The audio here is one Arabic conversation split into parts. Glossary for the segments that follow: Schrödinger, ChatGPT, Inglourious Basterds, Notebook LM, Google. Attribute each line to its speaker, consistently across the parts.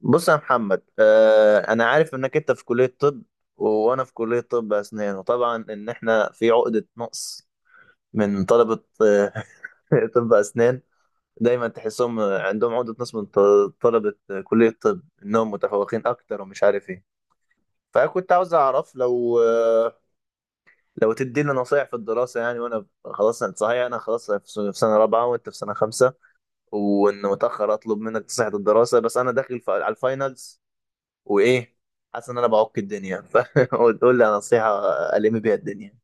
Speaker 1: بص يا محمد، انا عارف انك انت في كلية طب، وانا في كلية طب اسنان. وطبعا ان احنا في عقدة نقص من طلبة طب اسنان. دايما تحسهم عندهم عقدة نقص من طلبة كلية طب، انهم متفوقين اكتر ومش عارف ايه. فكنت عاوز اعرف لو تدينا نصايح في الدراسة، يعني وانا خلاص صحيح انا خلاص في سنة رابعة وانت في سنة خمسة، وان متأخر اطلب منك نصيحة الدراسة. بس انا داخل على الفاينلز، وايه، حاسس ان انا بعك الدنيا. فقول لي على نصيحه الم بيها الدنيا.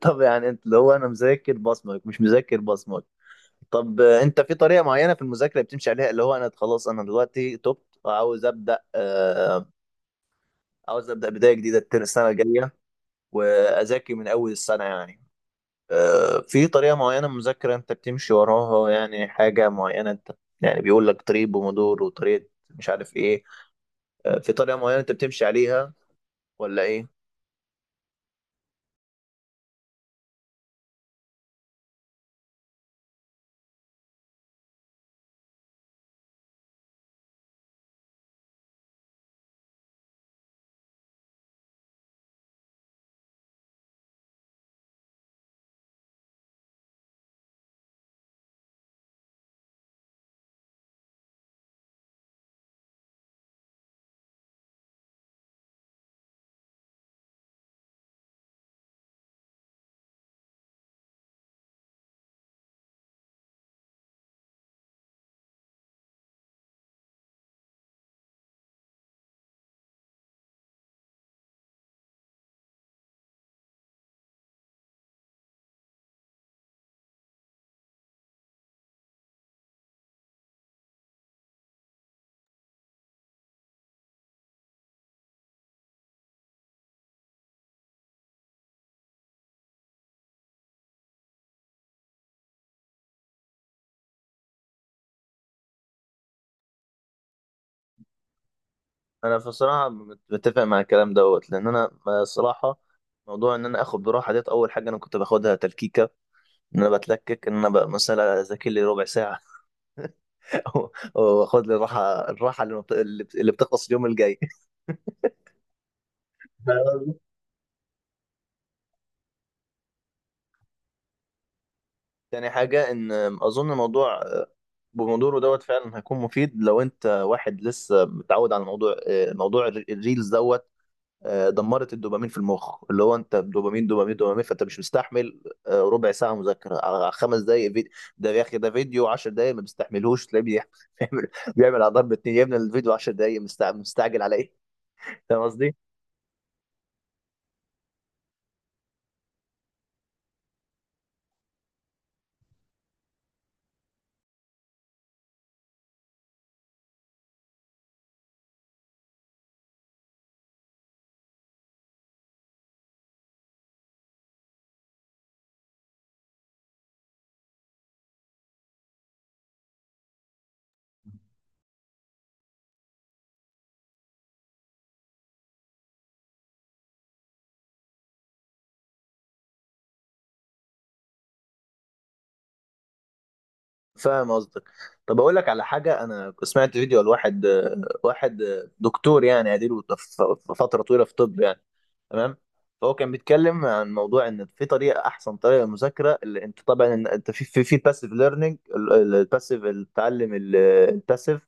Speaker 1: طب يعني انت اللي هو انا مذاكر بصمك مش مذاكر بصمك. طب، انت في طريقه معينه في المذاكره بتمشي عليها؟ اللي هو انا خلاص انا دلوقتي تبت وعاوز ابدا آه عاوز ابدا بدايه جديده السنه الجايه، واذاكر من اول السنه يعني. في طريقه معينه مذاكره انت بتمشي وراها؟ يعني حاجه معينه انت، يعني بيقول لك طريق بومودور وطريقه مش عارف ايه. في طريقه معينه انت بتمشي عليها، ولا ايه؟ انا بصراحه متفق مع الكلام دوت، لان انا الصراحه موضوع ان انا اخد براحه ديت. اول حاجه انا كنت باخدها تلكيكه، ان انا بتلكك ان انا بقى مثلا اذاكر لي ربع ساعه واخد لي الراحه، اللي بتخلص اليوم الجاي. تاني حاجة إن أظن الموضوع بموضوعه دوت فعلا هيكون مفيد لو أنت واحد لسه متعود على الموضوع، موضوع الريلز دوت. دمرت الدوبامين في المخ. اللي هو انت دوبامين دوبامين دوبامين، فانت مش مستحمل ربع ساعه مذاكره على خمس دقائق فيديو. ده يا اخي ده فيديو 10 دقائق ما بيستحملوش، تلاقيه بيعمل بيعمل على ضرب اتنين، يا ابني الفيديو 10 دقائق مستعجل على ايه؟ فاهم قصدي؟ فاهم قصدك. طب اقول لك على حاجه، انا سمعت فيديو لواحد واحد دكتور، يعني اديله في فتره طويله في طب يعني، تمام؟ فهو كان بيتكلم عن موضوع ان في طريقه، احسن طريقه للمذاكره، اللي انت طبعا انت في الباسيف ليرنينج، الباسيف التعلم الباسيف،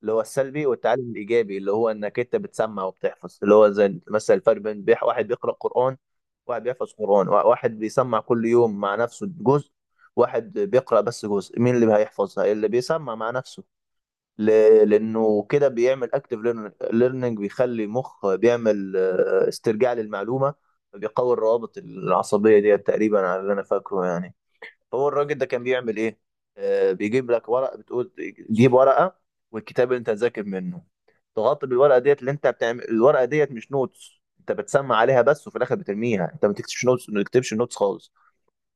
Speaker 1: اللي هو السلبي، والتعلم الايجابي اللي هو انك انت بتسمع وبتحفظ. اللي هو زي مثلا الفرق بين واحد بيقرا قران، واحد بيحفظ قرآن، واحد بيسمع كل يوم مع نفسه جزء، واحد بيقرأ بس جزء. مين اللي هيحفظها؟ اللي بيسمع مع نفسه، ل... لأنه كده بيعمل اكتف ليرنينج، بيخلي مخ بيعمل استرجاع للمعلومة، بيقوي الروابط العصبية دي، تقريبا على اللي أنا فاكره يعني. هو الراجل ده كان بيعمل ايه؟ آه بيجيب لك ورق، بتقول جيب ورقه والكتاب اللي انت هتذاكر منه، تغطي بالورقه ديت. اللي انت بتعمل الورقه ديت مش نوتس، انت بتسمع عليها بس وفي الاخر بترميها، انت ما بتكتبش نوتس، ما بتكتبش نوتس خالص.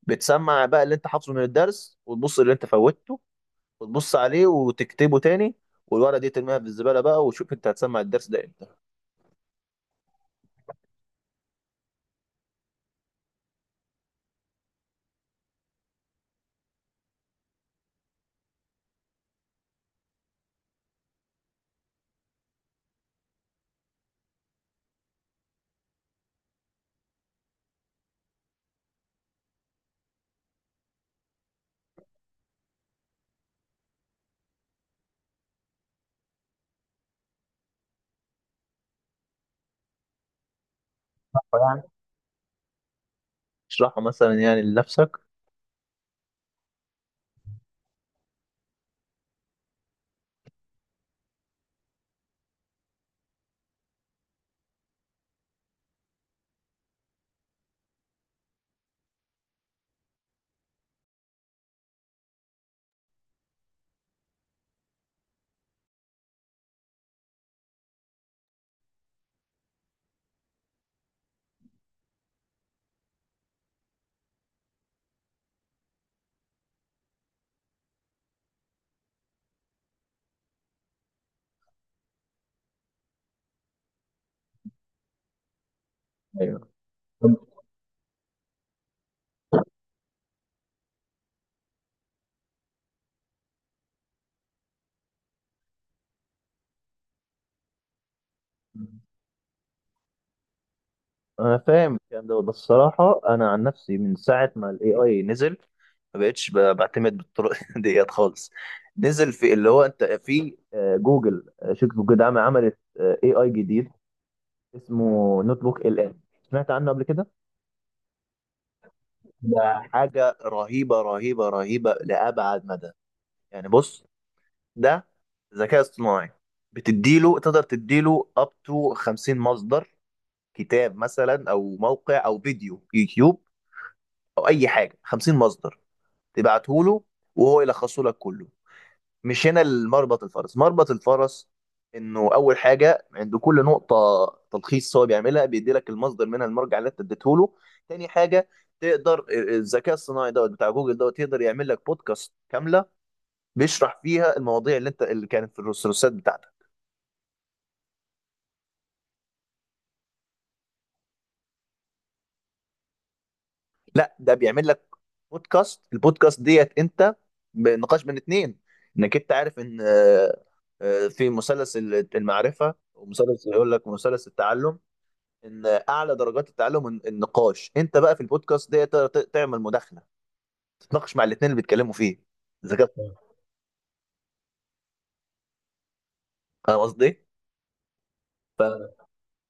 Speaker 1: بتسمع بقى اللي انت حافظه من الدرس، وتبص اللي انت فوتته وتبص عليه وتكتبه تاني، والورقه دي ترميها في الزباله بقى، وشوف انت هتسمع الدرس ده امتى. يعني تشرحه مثلا يعني لنفسك. ايوه، انا فاهم الكلام دوت، بس الصراحه انا عن نفسي من ساعه ما الاي اي نزل، ما بقتش بعتمد بالطرق ديت خالص. نزل في اللي هو انت في جوجل، شركه جوجل عملت اي اي جديد اسمه نوت بوك LM، سمعت عنه قبل كده؟ ده حاجه رهيبه رهيبه رهيبه لابعد مدى. يعني بص، ده ذكاء اصطناعي، بتديله، تقدر تديله اب تو 50 مصدر. كتاب مثلا، او موقع، او فيديو يوتيوب، او اي حاجه، 50 مصدر تبعته له وهو يلخصه لك كله. مش هنا المربط الفرس، مربط الفرس انه اول حاجه عند كل نقطه تلخيص هو بيعملها، بيدي لك المصدر منها، المرجع اللي انت اديته له. تاني حاجه، تقدر الذكاء الصناعي دوت بتاع جوجل دوت يقدر يعمل لك بودكاست كامله، بيشرح فيها المواضيع اللي كانت في الرسالات بتاعتك. لا، ده بيعمل لك بودكاست، البودكاست ديت انت بنقاش بين اتنين. انك انت عارف ان في مثلث المعرفه، ومثلث يقول لك مثلث التعلم، ان اعلى درجات التعلم النقاش. انت بقى في البودكاست ديت تقدر تعمل مداخله، تتناقش مع الاتنين اللي بيتكلموا فيه. ذكاء اصطناعي. فاهم قصدي؟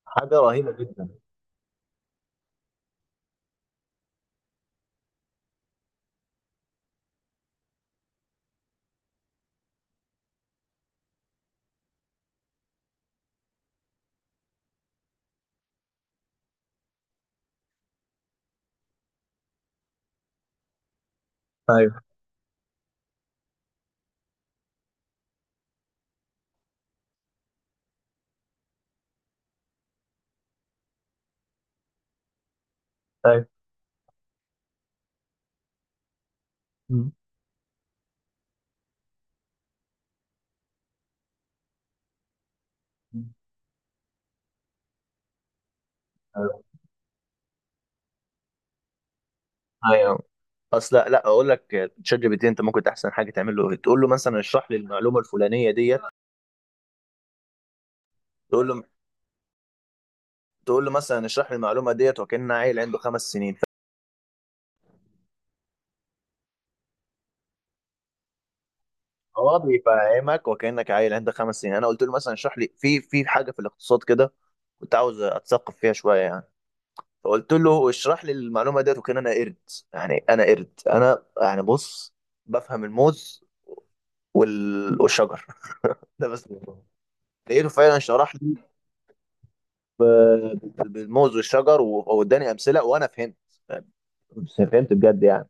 Speaker 1: حاجه رهيبه جدا. ايوه. ايوه. مم. ايوه. أيوة. اصل لا، لا، اقول لك تشات جي بي تي، انت ممكن احسن حاجه تعمل له، تقول له مثلا اشرح لي المعلومه الفلانيه ديت، تقول له، تقول له مثلا اشرح لي المعلومه ديت وكان عيل عنده خمس سنين. فهو بيفهمك وكانك عيل عنده خمس سنين. انا قلت له مثلا اشرح لي في حاجه في الاقتصاد كده، كنت عاوز اتثقف فيها شويه يعني، فقلت له اشرح لي المعلومه ديت، وكان انا قرد. يعني انا قرد انا، يعني بص، بفهم الموز والشجر ده بس. لقيته فعلا شرح لي بالموز والشجر واداني امثله، وانا فهمت، فهمت بجد يعني.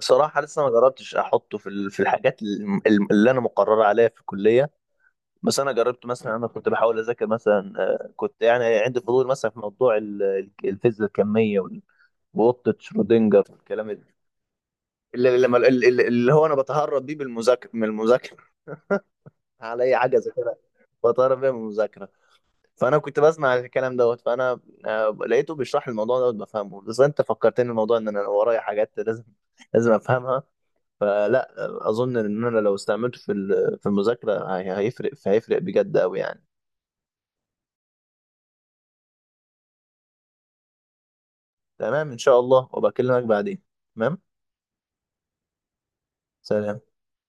Speaker 1: صراحة لسه ما جربتش أحطه في في الحاجات اللي أنا مقرر عليها في الكلية، بس أنا جربت مثلا، أنا كنت بحاول أذاكر مثلا، كنت يعني عندي فضول مثلا في موضوع الفيزياء الكمية وقطة شرودنجر والكلام ده، اللي, لما- اللي, اللي اللي هو أنا بتهرب بيه بالمذاكرة من المذاكرة، على أي حاجة أذاكرها بتهرب بيها من المذاكرة. فأنا كنت بسمع الكلام دوت، فأنا لقيته بيشرح الموضوع دوت، بفهمه. بس أنت فكرتني الموضوع، إن أنا ورايا حاجات لازم أفهمها. فلا، اظن ان انا لو استعملته في في المذاكره هي- هيفرق فهيفرق بجد قوي يعني. تمام، ان شاء الله وبكلمك بعدين. تمام. سلام.